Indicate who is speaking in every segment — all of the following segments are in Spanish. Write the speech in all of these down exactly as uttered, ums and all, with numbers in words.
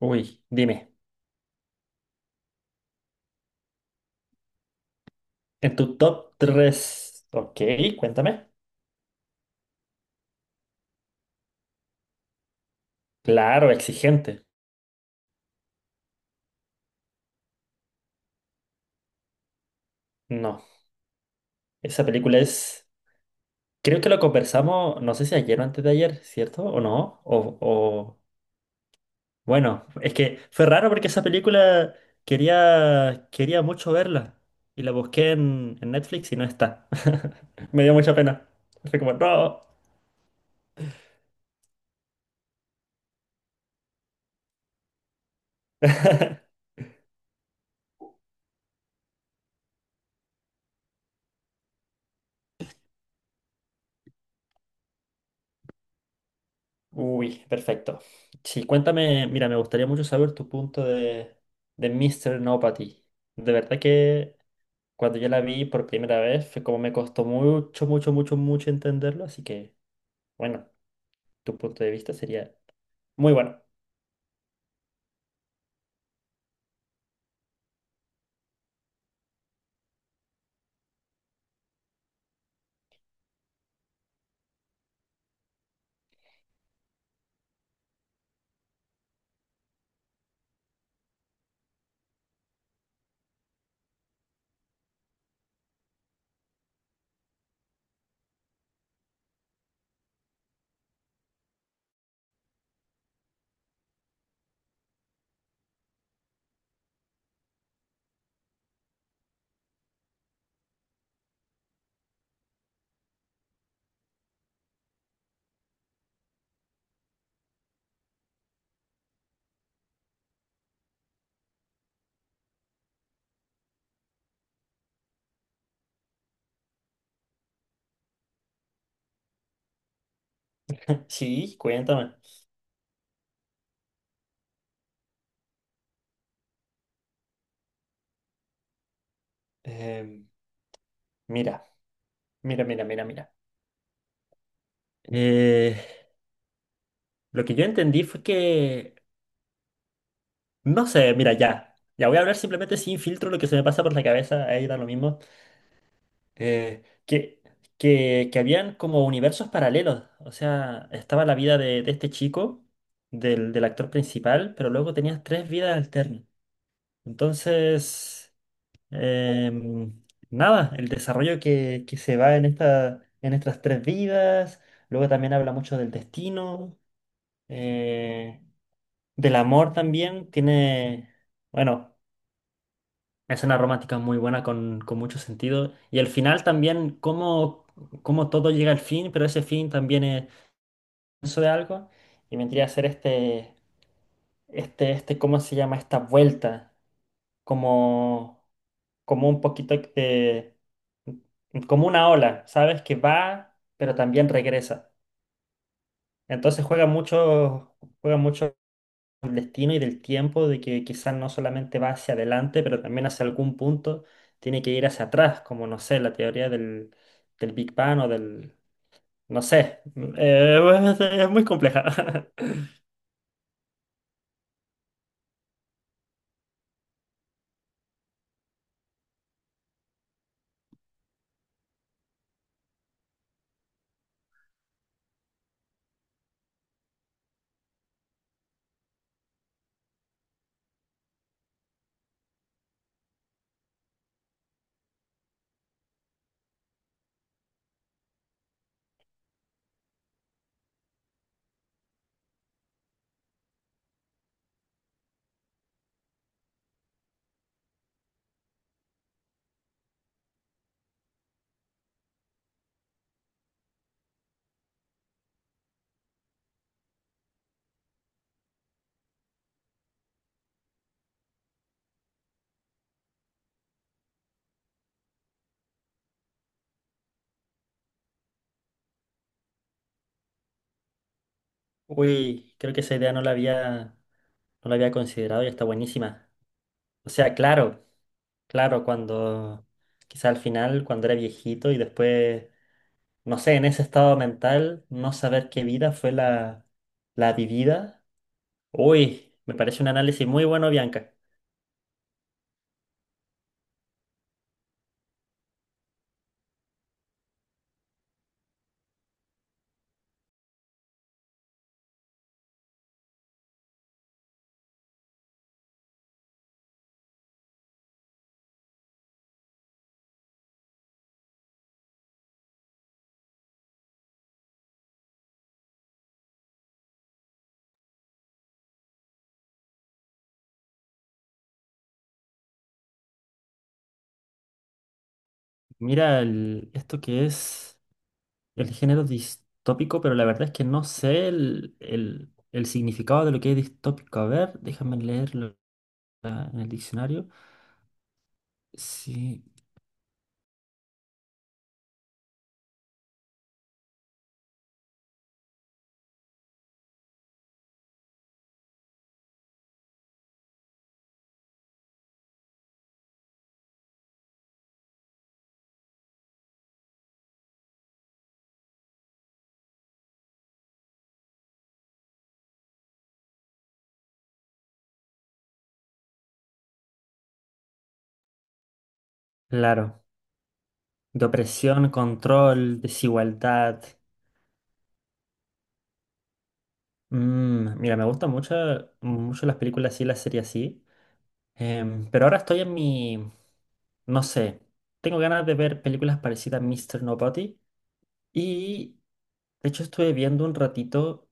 Speaker 1: Uy, dime, en tu top tres, ok, cuéntame. Claro, exigente. No, esa película es, creo que lo conversamos, no sé si ayer o antes de ayer, ¿cierto? ¿O no? O, o- bueno, es que fue raro porque esa película quería, quería mucho verla y la busqué en, en Netflix y no está. Me dio mucha pena. Fue como, no. Uy, perfecto. Sí, cuéntame, mira, me gustaría mucho saber tu punto de, de mister No Patty. De verdad que cuando yo la vi por primera vez fue como me costó mucho, mucho, mucho, mucho entenderlo, así que, bueno, tu punto de vista sería muy bueno. Sí, cuéntame. Em, mira, mira, mira, mira, mira. Eh, lo que yo entendí fue que, no sé, mira, ya, ya voy a hablar simplemente sin filtro lo que se me pasa por la cabeza, ahí da lo mismo. eh, que, que, que habían como universos paralelos. O sea, estaba la vida de, de este chico, del, del actor principal, pero luego tenías tres vidas alternas. Entonces, em, nada, el desarrollo que, que se va en esta, en estas tres vidas, luego también habla mucho del destino, eh, del amor también, tiene, bueno, es una romántica muy buena con, con mucho sentido. Y el final también, cómo, cómo todo llega al fin, pero ese fin también es eso de algo. Y vendría a ser este, este, este, ¿cómo se llama? Esta vuelta. Como, como un poquito de, como una ola, ¿sabes? Que va, pero también regresa. Entonces juega mucho, juega mucho del destino y del tiempo, de que quizás no solamente va hacia adelante, pero también hacia algún punto tiene que ir hacia atrás, como no sé, la teoría del, del Big Bang o del... No sé, mm, Eh, es muy compleja. Uy, creo que esa idea no la había, no la había considerado y está buenísima. O sea, claro, claro, cuando quizá al final, cuando era viejito y después, no sé, en ese estado mental, no saber qué vida fue la, la vivida. Uy, me parece un análisis muy bueno, Bianca. Mira, el- esto que es el género distópico, pero la verdad es que no sé el, el- el significado de lo que es distópico. A ver, déjame leerlo la- en el diccionario. Sí, claro. De opresión, control, desigualdad. Mm, mira, me gustan mucho, mucho las películas así, las series así. Em, pero ahora estoy en mi... No sé. Tengo ganas de ver películas parecidas a mister Nobody. Y de hecho estuve viendo un ratito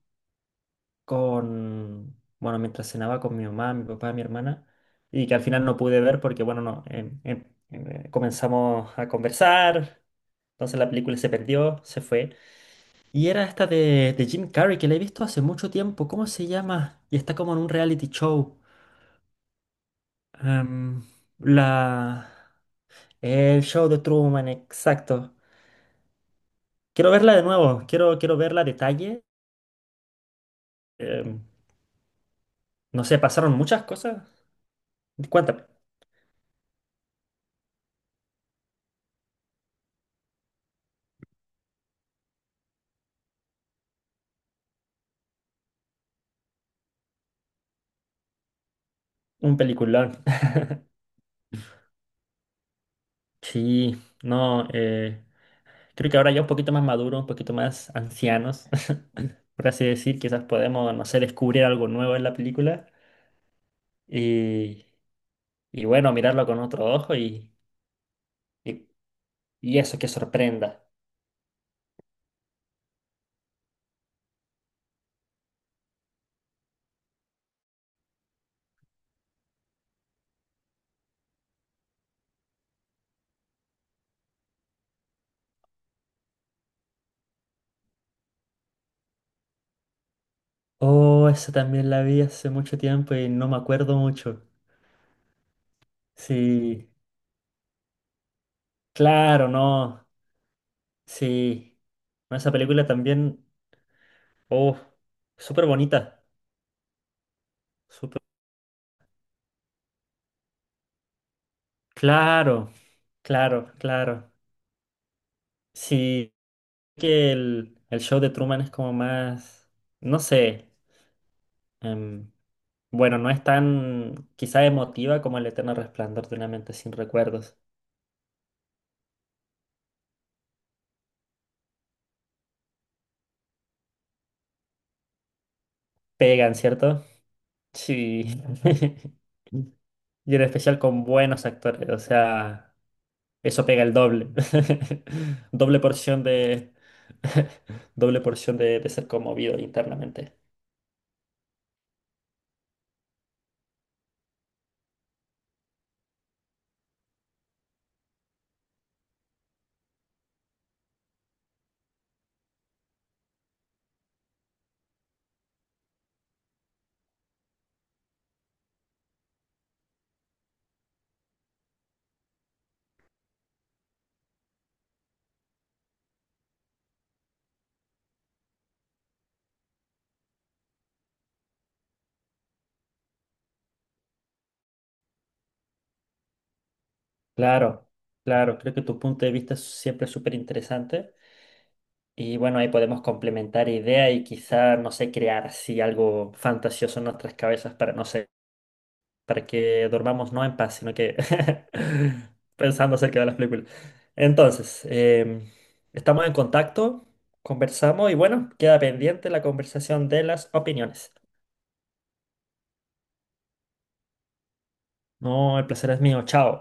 Speaker 1: con, bueno, mientras cenaba con mi mamá, mi papá, mi hermana, y que al final no pude ver porque, bueno, no, em- em- em, eh, comenzamos a conversar, entonces la película se perdió, se fue. Y era esta de, de Jim Carrey, que la he visto hace mucho tiempo, ¿cómo se llama? Y está como en un reality show. Em, la... El show de Truman, exacto. Quiero verla de nuevo, quiero, quiero verla a detalle. em, No sé, pasaron muchas cosas. Cuéntame, un peliculón. Sí, no, eh, creo que ahora ya un poquito más maduro, un poquito más ancianos, por así decir, quizás podemos, no sé, descubrir algo nuevo en la película y, y bueno, mirarlo con otro ojo y, y, y eso que sorprenda. Oh, esa también la vi hace mucho tiempo y no me acuerdo mucho. Sí, claro, no, sí. No, esa película también. Oh, súper bonita. Súper... Claro, claro, claro. Sí, que el, el show de Truman es como más, no sé, em, bueno, no es tan quizá emotiva como el eterno resplandor de una mente sin recuerdos. Pegan, ¿cierto? Sí. Y en especial con buenos actores, o sea, eso pega el doble. Doble porción de... Doble porción de, de ser conmovido internamente. Claro, claro, creo que tu punto de vista es siempre súper interesante. Y bueno, ahí podemos complementar ideas y quizá, no sé, crear así algo fantasioso en nuestras cabezas para, no sé, para que dormamos no en paz, sino que pensando acerca de las películas. Entonces, em, estamos en contacto, conversamos y bueno, queda pendiente la conversación de las opiniones. No, el placer es mío, chao.